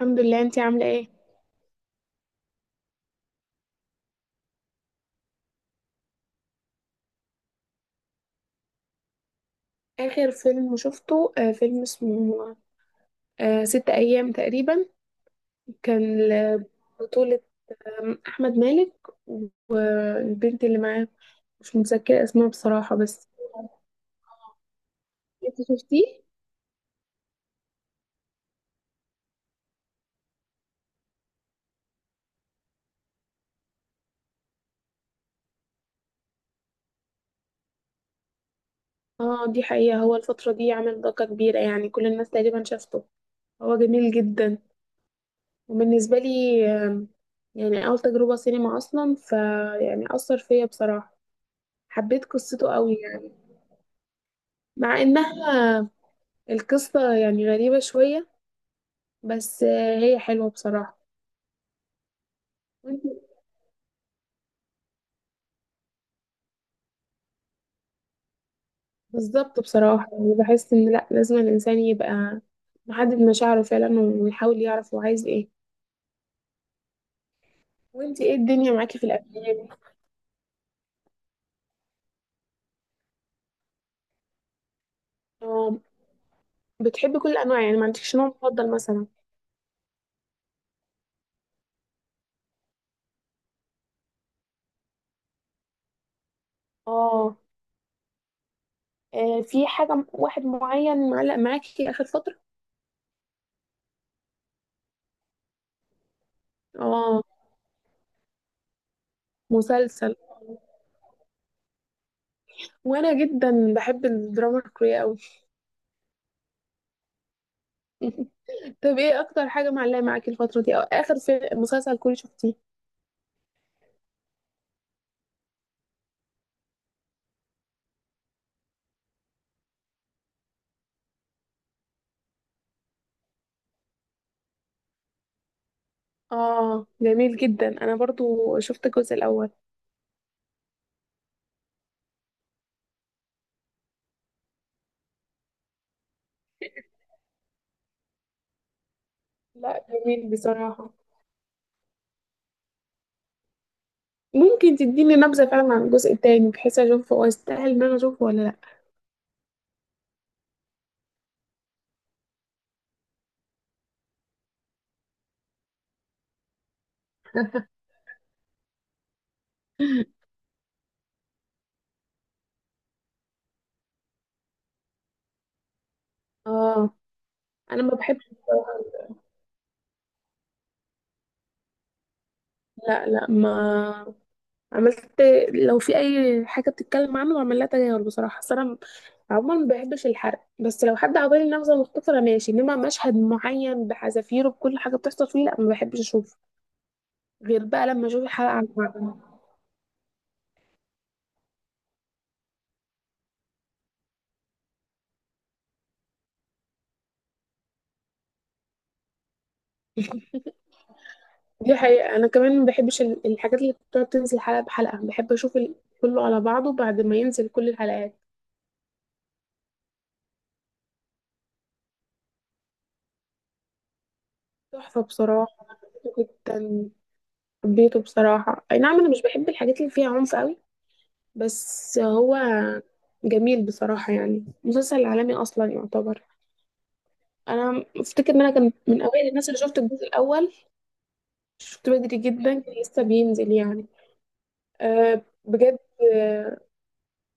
الحمد لله، انتي عاملة ايه؟ آخر فيلم شفته فيلم اسمه ست أيام تقريبا. كان بطولة أحمد مالك والبنت اللي معاه، مش متذكرة اسمها بصراحة. بس انتي شفتيه؟ اه، دي حقيقة. هو الفترة دي عمل ضجة كبيرة، يعني كل الناس تقريبا شافته. هو جميل جدا. وبالنسبة لي يعني أول تجربة سينما أصلا، فيعني أثر فيا بصراحة. حبيت قصته قوي يعني، مع إنها القصة يعني غريبة شوية، بس هي حلوة بصراحة. وانت- بالظبط بصراحة. يعني بحس ان لا، لازم الانسان يبقى محدد مشاعره فعلا ويحاول يعرف هو عايز ايه. وانت ايه الدنيا معاكي في الافلام؟ اه، بتحبي كل الانواع يعني؟ ما عندكش نوع مفضل مثلا؟ اه. في حاجة واحد معين معلق معاكي اخر فترة؟ اه، مسلسل. وانا جدا بحب الدراما الكورية قوي. طب ايه اكتر حاجة معلقة معاكي الفترة دي، او اخر في مسلسل كوري شفتيه؟ اه، جميل جدا. انا برضو شفت الجزء الاول. لا، جميل بصراحة. ممكن تديني نبذة فعلا عن الجزء التاني، بحيث اشوفه هو يستاهل ان انا اشوفه ولا لا؟ اه، انا ما بحبش بصراحة. لا لا، ما عملت. لو في اي حاجة بتتكلم عنه بعمل لها تجاهل بصراحة. أصل انا عموما ما بحبش الحرق. بس لو حد عطاني نبذة مختصرة ماشي، انما مشهد معين بحذافيره بكل حاجة بتحصل فيه، لا ما بحبش اشوفه غير بقى لما اشوف الحلقة عن بعضها. دي حقيقة أنا كمان ما بحبش الحاجات اللي بتقعد تنزل حلقة بحلقة. بحب أشوف كله على بعضه بعد ما ينزل كل الحلقات. تحفة بصراحة. حبيته جدا. حبيته بصراحة. أي نعم، أنا مش بحب الحاجات اللي فيها عنف قوي، بس هو جميل بصراحة، يعني مسلسل عالمي أصلا يعتبر. أنا أفتكر إن أنا كان من أوائل الناس اللي شفت الجزء الأول. شفت بدري جدا، كان لسه بينزل يعني. أه، بجد. أه،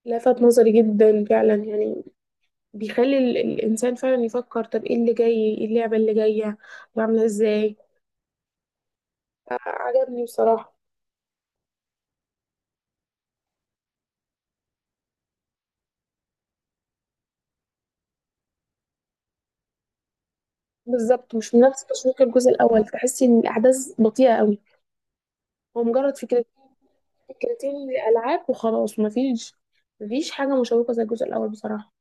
لفت نظري جدا فعلا يعني. بيخلي الإنسان فعلا يفكر، طب ايه اللي جاي؟ ايه اللعبة اللي جاية؟ طب عاملة ازاي؟ عجبني بصراحة. بالظبط، مش من نفس تشويق الجزء الأول. تحسي إن الأحداث بطيئة قوي. هو مجرد فكرة، فكرتين الألعاب وخلاص. مفيش، مفيش حاجة مشوقة زي الجزء الأول بصراحة.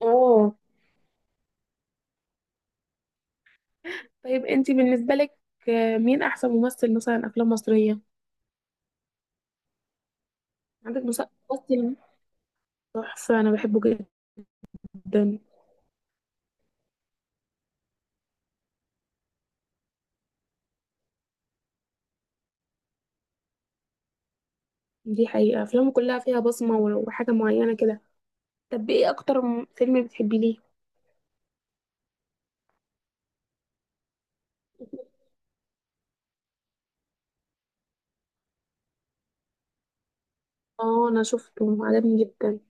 اه. طيب، انتي بالنسبة لك مين أحسن ممثل مثلا أفلام مصرية عندك؟ ممثل تحفة، أنا بحبه جدا. دي حقيقة أفلامه كلها فيها بصمة وحاجة معينة كده. طب ايه أكتر فيلم بتحبيه ليه؟ اه، انا شفته عجبني جدا.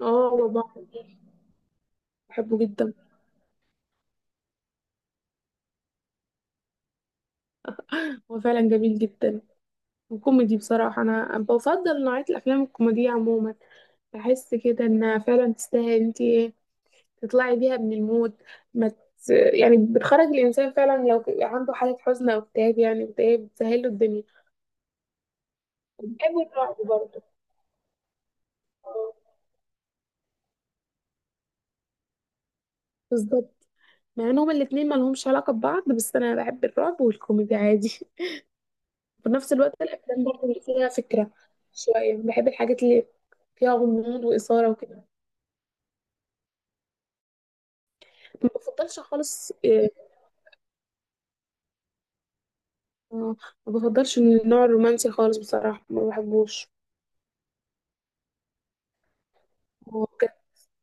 اه، هو بحر. بحبه جدا. هو فعلا جميل جدا وكوميدي بصراحة. انا بفضل نوعية الافلام الكوميدية عموما. بحس كده انها فعلا تستاهل. انت تطلعي بيها من المود. ما ت... يعني بتخرج الانسان فعلا. لو عنده حالة حزن او اكتئاب، يعني اكتئاب، بتسهل له الدنيا. وبحب الرعب برضه. اه، بالظبط. مع ان هما الاتنين ما لهمش علاقة ببعض، بس انا بحب الرعب والكوميدي عادي. وفي نفس الوقت الافلام برضه اللي فيها فكره شويه. بحب الحاجات اللي فيها غموض واثاره وكده. ما بفضلش خالص آه، ما بفضلش النوع الرومانسي خالص بصراحه، ما بحبوش. هو بجد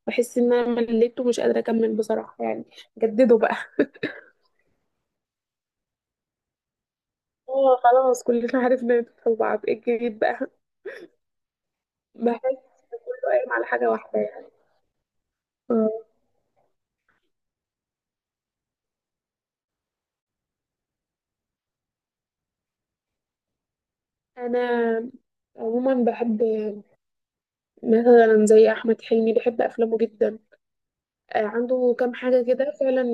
بحس ان انا مليته، مش قادره اكمل بصراحه يعني. جددوا بقى. اه خلاص، كلنا عرفنا ندخل بعض. ايه الجديد بقى؟ بحس إنه قايم على حاجه واحده يعني. آه. انا عموما بحب مثلا زي احمد حلمي، بحب افلامه جدا. عنده كام حاجه كده فعلا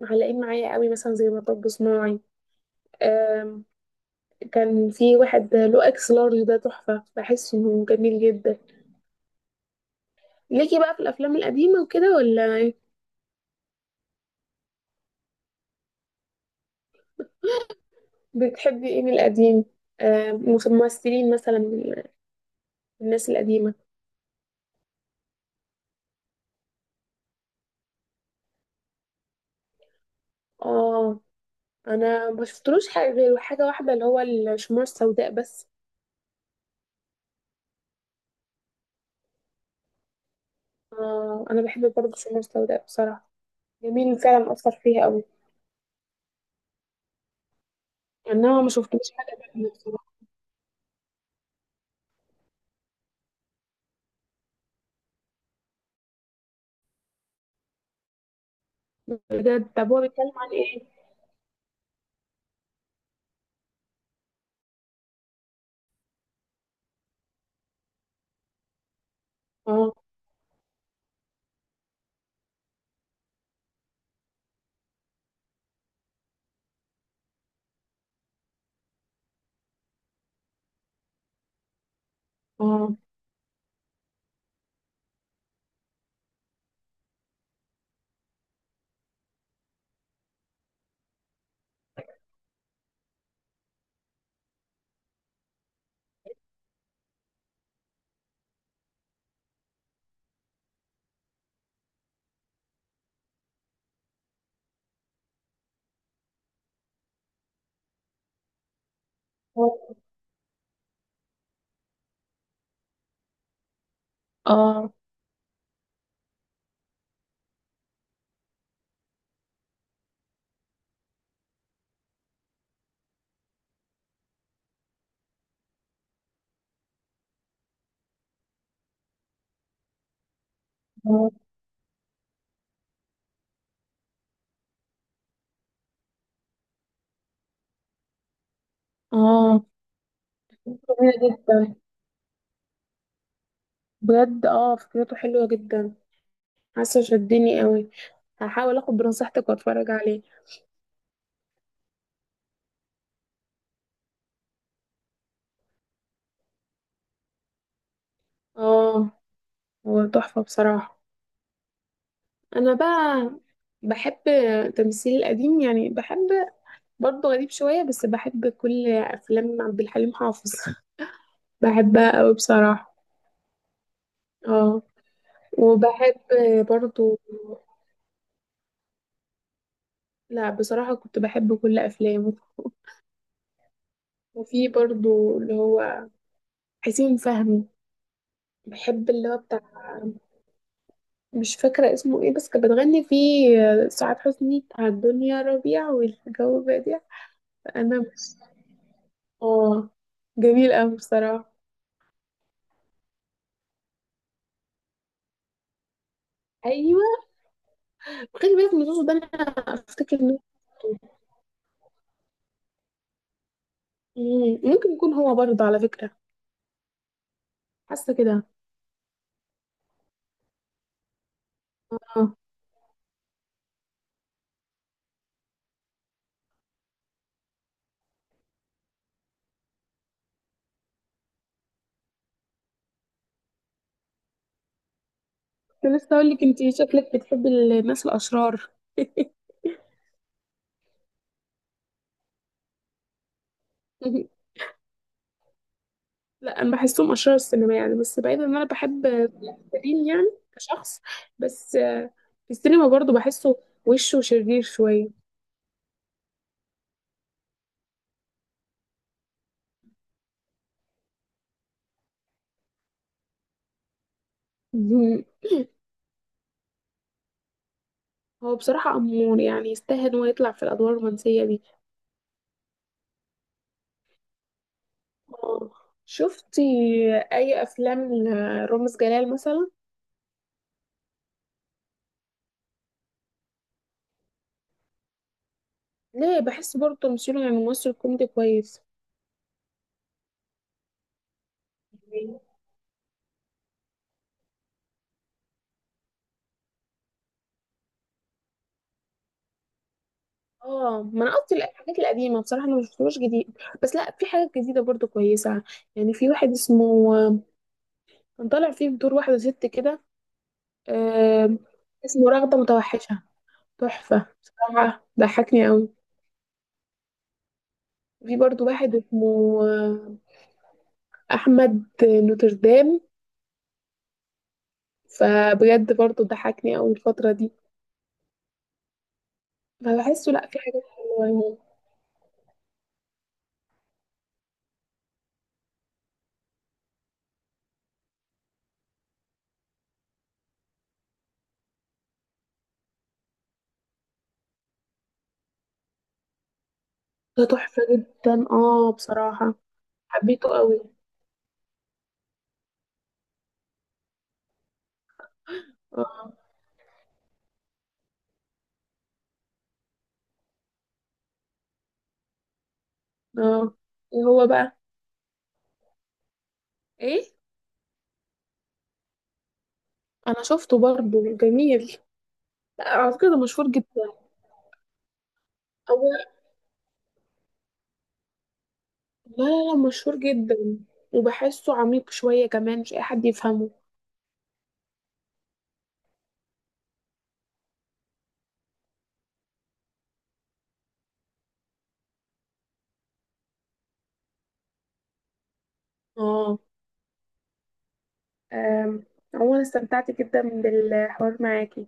معلقين معايا قوي، مثلا زي مطب صناعي. آم، كان في واحد له اكس لارج، ده تحفة. بحس انه جميل جدا. ليكي بقى في الافلام القديمة وكده ولا إيه؟ بتحبي ايه من القديم؟ آم، ممثلين مثلا من الناس القديمة. اه، انا ما شفتلوش حاجة غير حاجة واحدة، اللي هو الشموع السوداء بس. آه، انا بحب برضه الشموع السوداء بصراحة. جميل فعلا، اثر فيها قوي. انما ما شفتلوش حاجة تانية بصراحة. بجد، طب هو بيتكلم عن ايه؟ اه. اه. اه. اه. اه، جميلة جدا. بجد اه، فكرته حلوة جدا. حاسة شدني قوي. هحاول اخد بنصيحتك واتفرج عليه. اه، هو تحفة بصراحة. انا بقى بحب تمثيل القديم. يعني بحب برضه، غريب شوية بس بحب كل افلام عبد الحليم حافظ. بحبها قوي بصراحة. اه. وبحب برضه، لا بصراحة كنت بحب كل افلامه. وفي برضه اللي هو حسين فهمي. بحب اللي هو بتاع، مش فاكرة اسمه ايه، بس كانت بتغني فيه سعاد حسني، بتاع الدنيا ربيع والجو بادئ. فأنا مش، اه، جميل أوي بصراحة. أيوة، خلي بالك من زوزو ده. أنا أفتكر إنه ممكن يكون هو برضه على فكرة. حاسة كده. اه، كنت لسه أقول لك، أنتي شكلك بتحبي الناس الأشرار. لا، انا بحسهم اشرار السينما يعني، بس بعيدا ان انا بحب سيرين يعني كشخص. بس في السينما برضو بحسه وشه شرير شويه. مهم. هو بصراحه امور، يعني يستاهل انه يطلع في الادوار الرومانسيه دي. آه، شفتي اي افلام رامز جلال مثلا؟ ليه؟ بحس برضو تمثيله يعني ممثل كوميدي كويس. اه، ما انا قصدي الحاجات القديمه بصراحه. انا مشفتهاش جديد، بس لا في حاجات جديده برضو كويسه. يعني في واحد اسمه، كان طالع فيه بدور واحده ست كده آه، اسمه رغدة متوحشة. تحفة بصراحة، ضحكني قوي. في برضو واحد اسمه آه، أحمد نوتردام. فبجد برضو ضحكني قوي الفترة دي. فبحسه لأ، في حاجات حلوة يعني. ده تحفة جدا اه بصراحة. حبيته قوي. اه. اه، إيه هو بقى؟ ايه؟ انا شفته برضو، جميل. لا على فكرة، ده مشهور جدا. هو، لا لا، لا مشهور جدا. وبحسه عميق شوية كمان، مش اي حد يفهمه. اه. أم، عموما استمتعت جدا بالحوار معاكي.